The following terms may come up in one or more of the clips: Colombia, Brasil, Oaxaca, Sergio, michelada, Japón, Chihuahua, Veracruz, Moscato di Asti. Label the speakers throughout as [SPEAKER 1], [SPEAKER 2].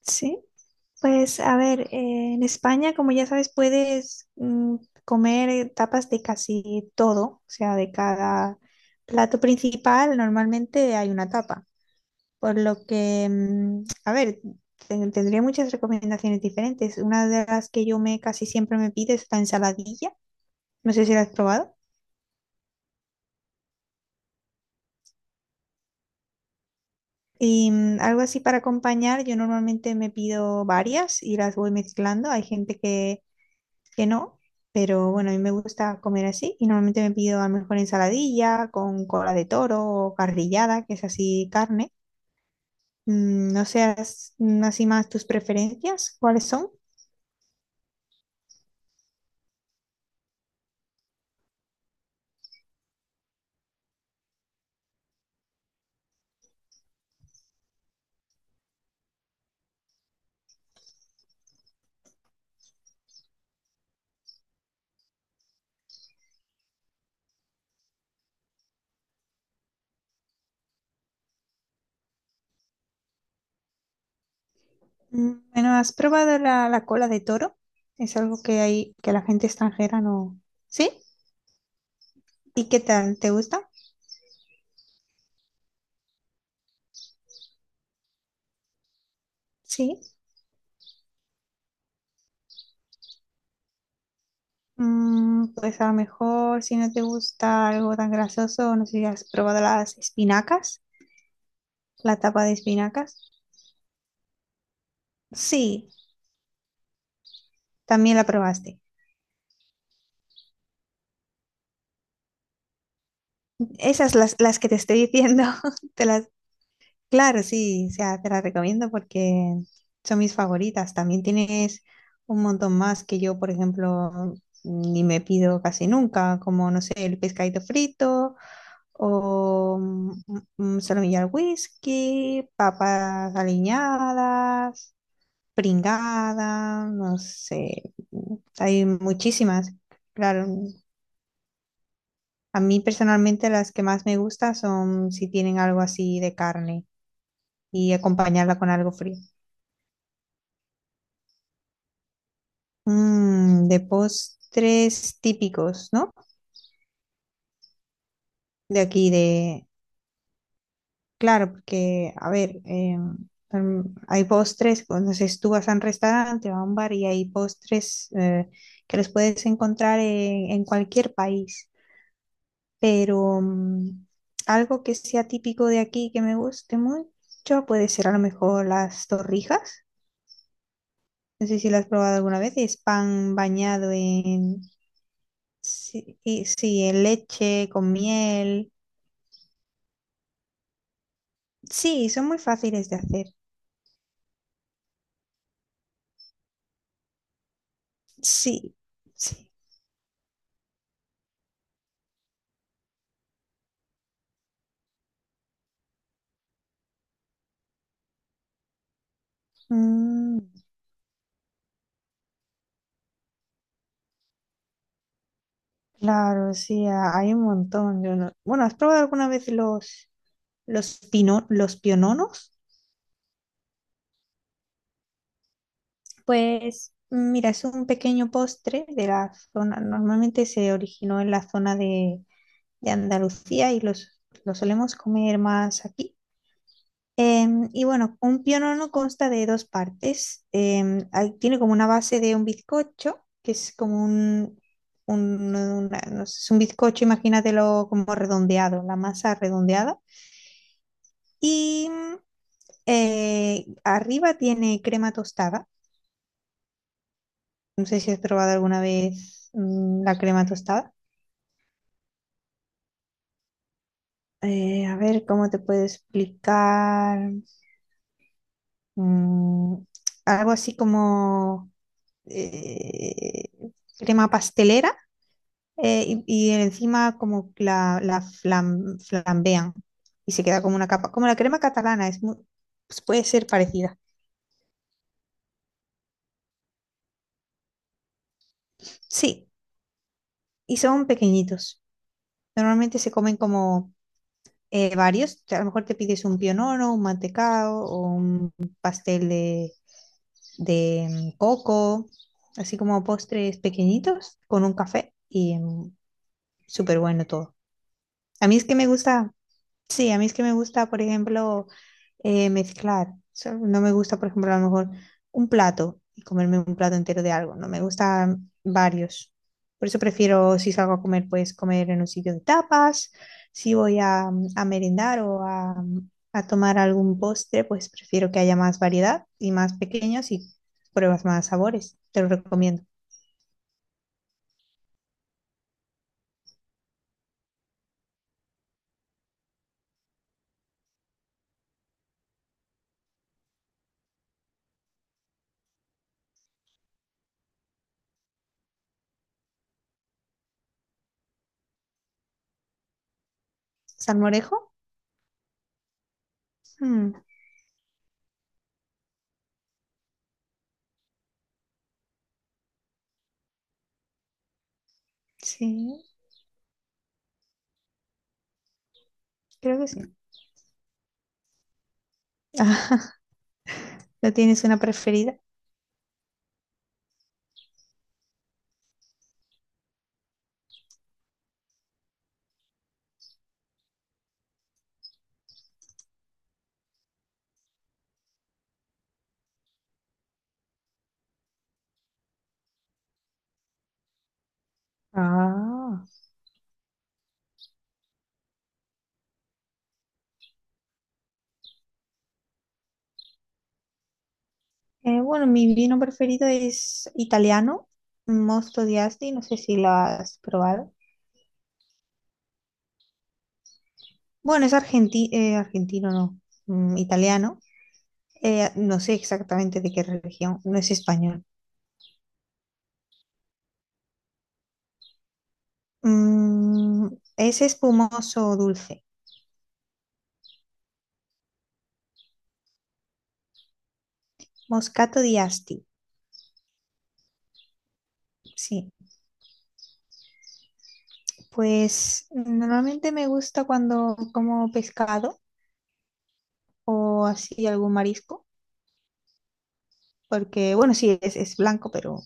[SPEAKER 1] Sí, pues a ver, en España, como ya sabes, puedes comer tapas de casi todo, o sea, de cada plato principal normalmente hay una tapa, por lo que, a ver, tendría muchas recomendaciones diferentes. Una de las que yo me casi siempre me pido es la ensaladilla, no sé si la has probado. Y algo así para acompañar, yo normalmente me pido varias y las voy mezclando. Hay gente que no, pero bueno, a mí me gusta comer así y normalmente me pido a lo mejor ensaladilla con cola de toro o carrillada, que es así carne. No seas así más tus preferencias, ¿cuáles son? Bueno, ¿has probado la cola de toro? Es algo que hay que la gente extranjera no. ¿Sí? ¿Y qué tal? ¿Te gusta? Sí. Pues a lo mejor si no te gusta algo tan grasoso, no sé si has probado las espinacas, la tapa de espinacas. Sí, también la probaste. Esas las que te estoy diciendo, te las, claro, sí, o sea, te las recomiendo porque son mis favoritas. También tienes un montón más que yo, por ejemplo, ni me pido casi nunca, como, no sé, el pescadito frito o solomillo al whisky, papas aliñadas, pringada, no sé, hay muchísimas, claro, a mí personalmente las que más me gustan son si tienen algo así de carne y acompañarla con algo frío. De postres típicos, ¿no? De aquí, de... Claro, porque, a ver, mm, hay postres, entonces tú vas a un restaurante o a un bar y hay postres que los puedes encontrar en cualquier país, pero algo que sea típico de aquí que me guste mucho puede ser a lo mejor las torrijas. No sé si lo has probado alguna vez. Es pan bañado en... Sí, sí, en leche, con miel. Sí, son muy fáciles de hacer. Sí, sí. Mm, claro, sí, a- hay un montón. Yo no- Bueno, ¿has probado alguna vez los piononos? Pues mira, es un pequeño postre de la zona, normalmente se originó en la zona de Andalucía lo solemos comer más aquí. Y bueno, un pionono consta de dos partes. Hay- tiene como una base de un bizcocho, que es como un, no sé, es un bizcocho, imagínatelo como redondeado, la masa redondeada. Y arriba tiene crema tostada. No sé si has probado alguna vez la crema tostada. A ver cómo te puedo explicar. Mm, Algo así como eh, crema pastelera, y encima como la flambean y se queda como una capa, como la crema catalana, es muy, pues puede ser parecida. Sí, y son pequeñitos. Normalmente se comen como varios, te- a lo mejor te pides un pionono, un mantecado o un pastel de coco, así como postres pequeñitos con un café y súper bueno todo. A mí es que me gusta. Sí, a mí es que me gusta, por ejemplo, mezclar. O sea, no me gusta, por ejemplo, a lo mejor un plato y comerme un plato entero de algo. No me gustan varios. Por eso prefiero, si salgo a comer, pues comer en un sitio de tapas. Si voy a merendar o a tomar algún postre, pues prefiero que haya más variedad y más pequeños y pruebas más sabores. Te lo recomiendo. ¿Salmorejo? Mm, sí, creo que sí. ¿No tienes una preferida? Ah. Bueno, mi vino preferido es italiano, Mosto di Asti, no sé si lo has probado. Bueno, es argentino, no, italiano. No sé exactamente de qué religión, no es español. Mm, es espumoso dulce, Moscato di Asti, sí. Pues normalmente me gusta cuando como pescado o así algún marisco, porque bueno, sí, es blanco, pero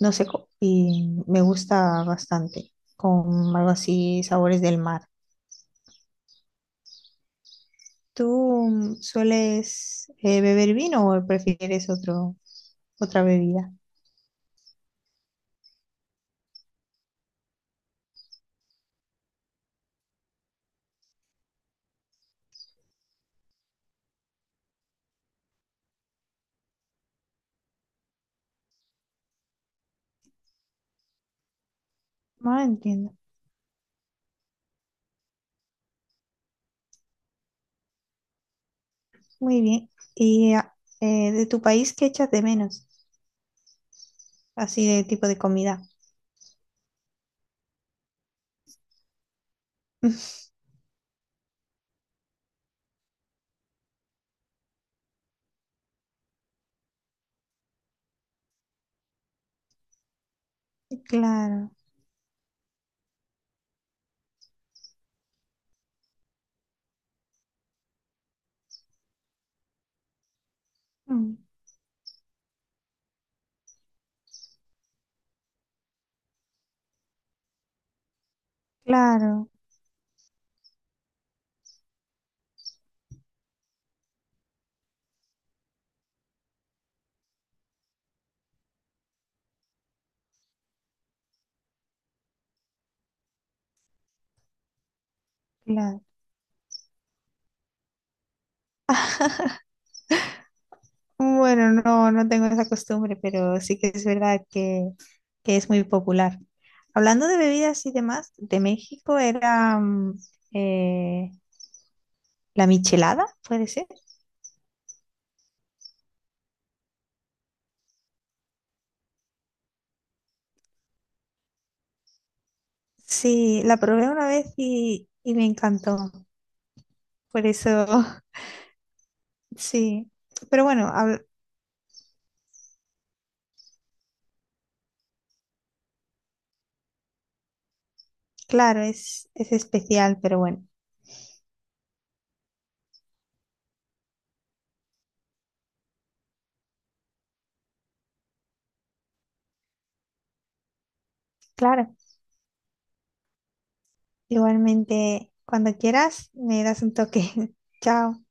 [SPEAKER 1] no sé, co- y me gusta bastante, con algo así, sabores del mar. ¿Tú sueles beber vino o prefieres otro, otra bebida? Ah, entiendo. Muy bien. ¿Y de tu país qué echas de menos? Así de tipo de comida. Claro, mm, claro, claro. Bueno, no, no tengo esa costumbre, pero sí que es verdad que es muy popular. Hablando de bebidas y demás, de México era eh, la michelada, ¿puede ser? Sí, la probé una vez y me encantó. Por eso, sí. Pero bueno, claro, es especial, pero bueno, claro. Igualmente, cuando quieras, me das un toque. Chao.